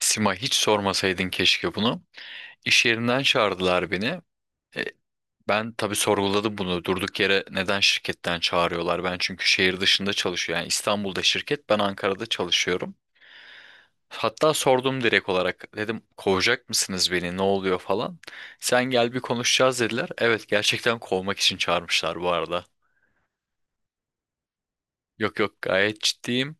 Sima hiç sormasaydın keşke bunu. İş yerinden çağırdılar beni. E, Ben tabii sorguladım bunu. Durduk yere neden şirketten çağırıyorlar? Ben çünkü şehir dışında çalışıyorum. Yani İstanbul'da şirket, ben Ankara'da çalışıyorum. Hatta sordum direkt olarak. Dedim kovacak mısınız beni? Ne oluyor falan. Sen gel bir konuşacağız dediler. Evet gerçekten kovmak için çağırmışlar bu arada. Yok yok gayet ciddiyim.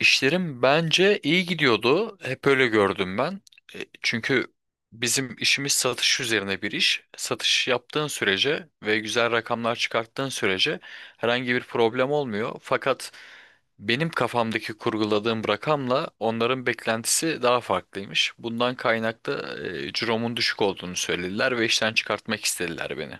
İşlerim bence iyi gidiyordu. Hep öyle gördüm ben. Çünkü bizim işimiz satış üzerine bir iş. Satış yaptığın sürece ve güzel rakamlar çıkarttığın sürece herhangi bir problem olmuyor. Fakat benim kafamdaki kurguladığım rakamla onların beklentisi daha farklıymış. Bundan kaynaklı ciromun düşük olduğunu söylediler ve işten çıkartmak istediler beni.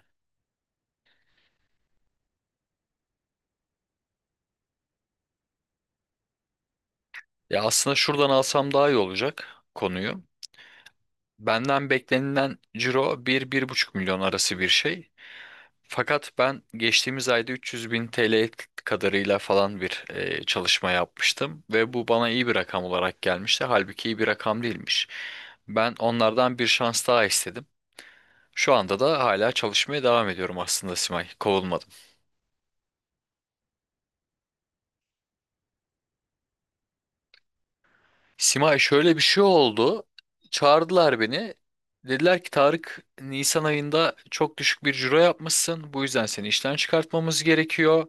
Ya aslında şuradan alsam daha iyi olacak konuyu. Benden beklenilen ciro bir bir buçuk milyon arası bir şey. Fakat ben geçtiğimiz ayda 300 bin TL kadarıyla falan bir çalışma yapmıştım. Ve bu bana iyi bir rakam olarak gelmişti. Halbuki iyi bir rakam değilmiş. Ben onlardan bir şans daha istedim. Şu anda da hala çalışmaya devam ediyorum aslında Simay. Kovulmadım. Simay şöyle bir şey oldu. Çağırdılar beni. Dediler ki Tarık Nisan ayında çok düşük bir ciro yapmışsın. Bu yüzden seni işten çıkartmamız gerekiyor.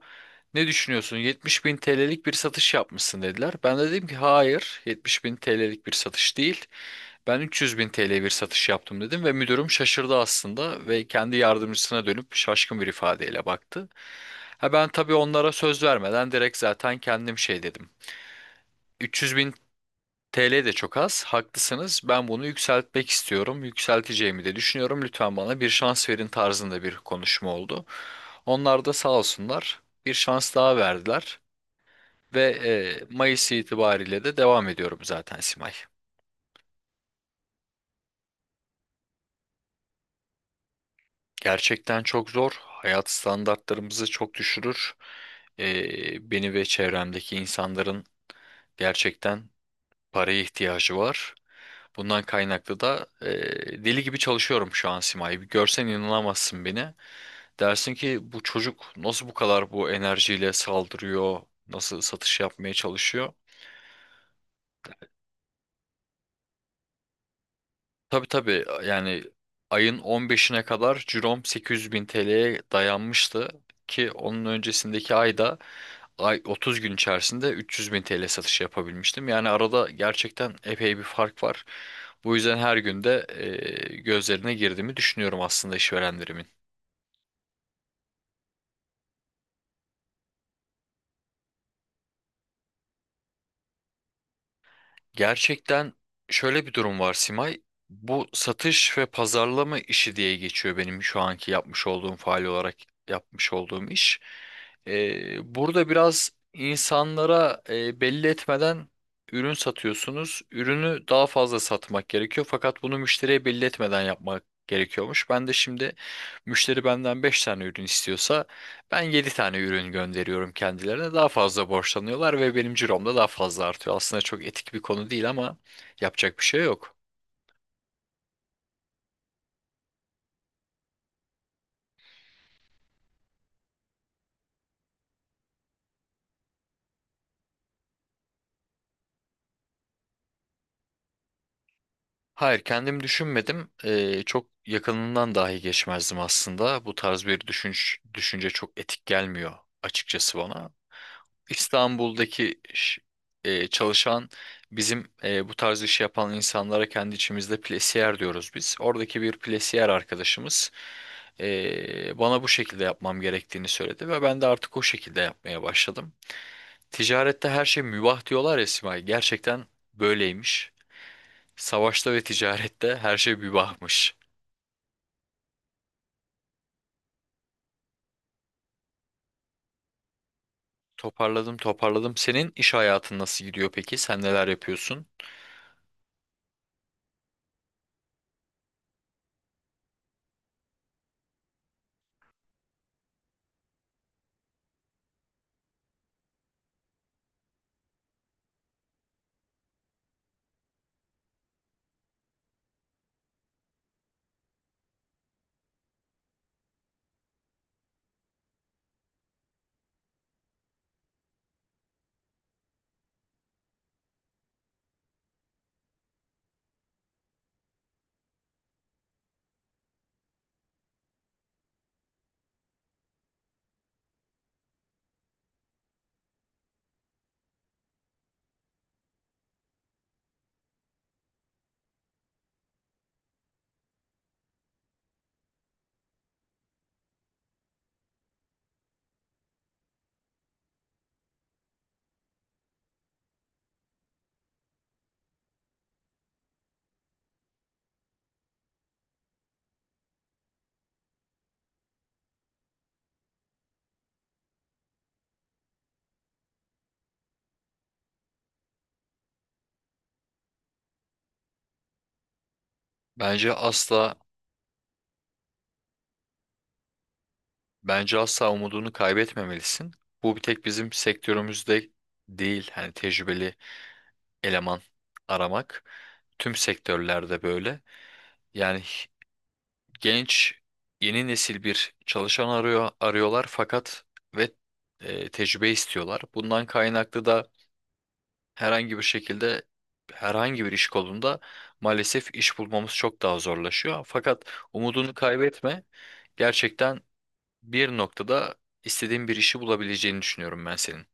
Ne düşünüyorsun? 70 bin TL'lik bir satış yapmışsın dediler. Ben de dedim ki hayır 70 bin TL'lik bir satış değil. Ben 300 bin TL bir satış yaptım dedim ve müdürüm şaşırdı aslında ve kendi yardımcısına dönüp şaşkın bir ifadeyle baktı. Ha ben tabii onlara söz vermeden direkt zaten kendim şey dedim. 300 TL de çok az. Haklısınız. Ben bunu yükseltmek istiyorum. Yükselteceğimi de düşünüyorum. Lütfen bana bir şans verin tarzında bir konuşma oldu. Onlar da sağ olsunlar bir şans daha verdiler ve Mayıs itibariyle de devam ediyorum zaten Simay. Gerçekten çok zor. Hayat standartlarımızı çok düşürür. Beni ve çevremdeki insanların gerçekten paraya ihtiyacı var. Bundan kaynaklı da deli gibi çalışıyorum şu an Simay. Bir görsen inanamazsın beni. Dersin ki bu çocuk nasıl bu kadar bu enerjiyle saldırıyor, nasıl satış yapmaya çalışıyor. Tabii tabii yani ayın 15'ine kadar cirom 800 bin TL'ye dayanmıştı ki onun öncesindeki ayda ay 30 gün içerisinde 300 bin TL satışı yapabilmiştim. Yani arada gerçekten epey bir fark var. Bu yüzden her günde gözlerine girdiğimi düşünüyorum aslında işverenlerimin. Gerçekten şöyle bir durum var Simay. Bu satış ve pazarlama işi diye geçiyor benim şu anki yapmış olduğum faal olarak yapmış olduğum iş. Burada biraz insanlara belli etmeden ürün satıyorsunuz. Ürünü daha fazla satmak gerekiyor fakat bunu müşteriye belli etmeden yapmak gerekiyormuş. Ben de şimdi müşteri benden 5 tane ürün istiyorsa ben 7 tane ürün gönderiyorum kendilerine. Daha fazla borçlanıyorlar ve benim cirom da daha fazla artıyor. Aslında çok etik bir konu değil ama yapacak bir şey yok. Hayır, kendim düşünmedim. Çok yakınından dahi geçmezdim aslında. Bu tarz bir düşünce çok etik gelmiyor açıkçası bana. İstanbul'daki ş- Çalışan bizim bu tarz işi yapan insanlara kendi içimizde plesiyer diyoruz biz. Oradaki bir plesiyer arkadaşımız. Bana bu şekilde yapmam gerektiğini söyledi ve ben de artık o şekilde yapmaya başladım. Ticarette her şey mübah diyorlar ya Simay. Gerçekten böyleymiş. Savaşta ve ticarette her şey mübahmış. Toparladım, toparladım. Senin iş hayatın nasıl gidiyor peki? Sen neler yapıyorsun? Bence asla, bence asla umudunu kaybetmemelisin. Bu bir tek bizim sektörümüzde değil. Hani tecrübeli eleman aramak tüm sektörlerde böyle. Yani genç yeni nesil bir çalışan arıyorlar fakat ve tecrübe istiyorlar. Bundan kaynaklı da herhangi bir şekilde herhangi bir iş kolunda maalesef iş bulmamız çok daha zorlaşıyor. Fakat umudunu kaybetme. Gerçekten bir noktada istediğin bir işi bulabileceğini düşünüyorum ben senin.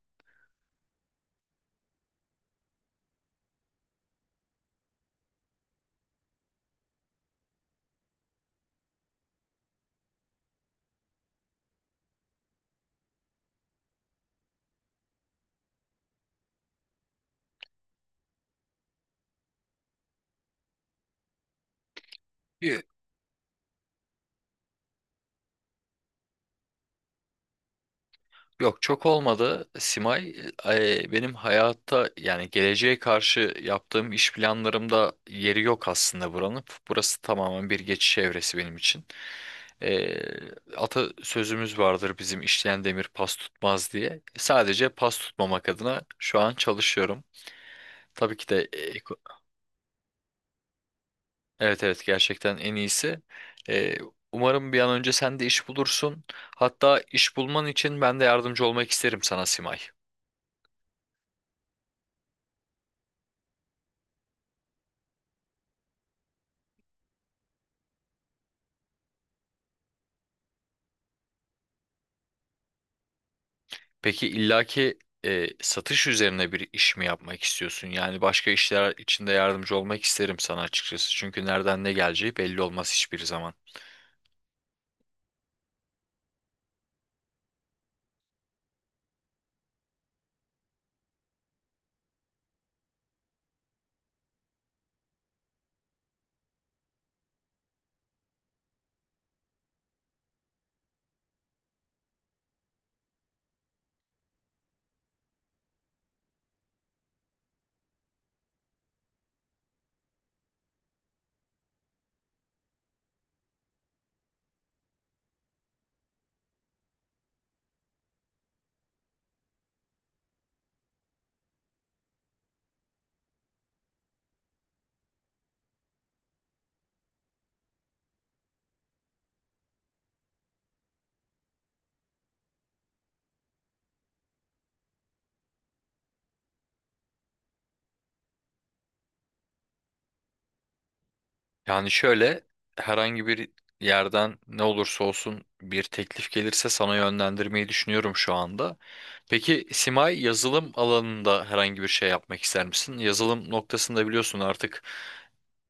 Yo, Yok çok olmadı. Simay benim hayatta yani geleceğe karşı yaptığım iş planlarımda yeri yok aslında buranın. Burası tamamen bir geçiş evresi benim için. E, Ata sözümüz vardır bizim işleyen demir pas tutmaz diye. Sadece pas tutmamak adına şu an çalışıyorum. Tabii ki de evet evet gerçekten en iyisi. E, Umarım bir an önce sen de iş bulursun. Hatta iş bulman için ben de yardımcı olmak isterim sana Simay. Peki illaki satış üzerine bir iş mi yapmak istiyorsun? Yani başka işler içinde yardımcı olmak isterim sana açıkçası. Çünkü nereden ne geleceği belli olmaz hiçbir zaman. Yani şöyle herhangi bir yerden ne olursa olsun bir teklif gelirse sana yönlendirmeyi düşünüyorum şu anda. Peki Simay yazılım alanında herhangi bir şey yapmak ister misin? Yazılım noktasında biliyorsun artık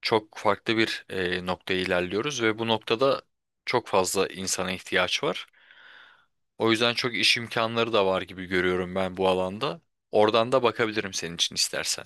çok farklı bir noktaya ilerliyoruz ve bu noktada çok fazla insana ihtiyaç var. O yüzden çok iş imkanları da var gibi görüyorum ben bu alanda. Oradan da bakabilirim senin için istersen.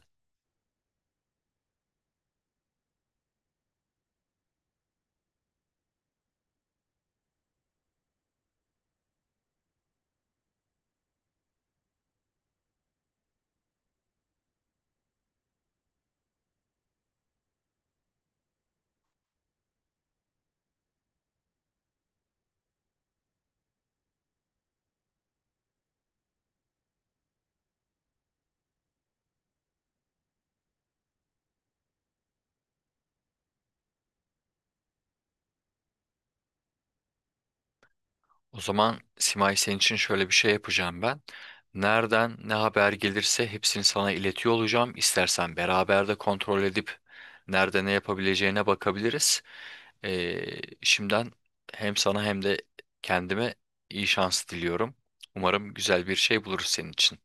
O zaman Simay senin için şöyle bir şey yapacağım ben. Nereden ne haber gelirse hepsini sana iletiyor olacağım. İstersen beraber de kontrol edip nerede ne yapabileceğine bakabiliriz. Ee, Şimdiden hem sana hem de kendime iyi şans diliyorum. Umarım güzel bir şey buluruz senin için.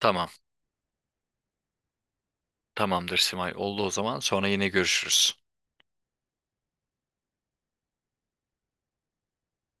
Tamam. Tamamdır Simay. Oldu o zaman. Sonra yine görüşürüz.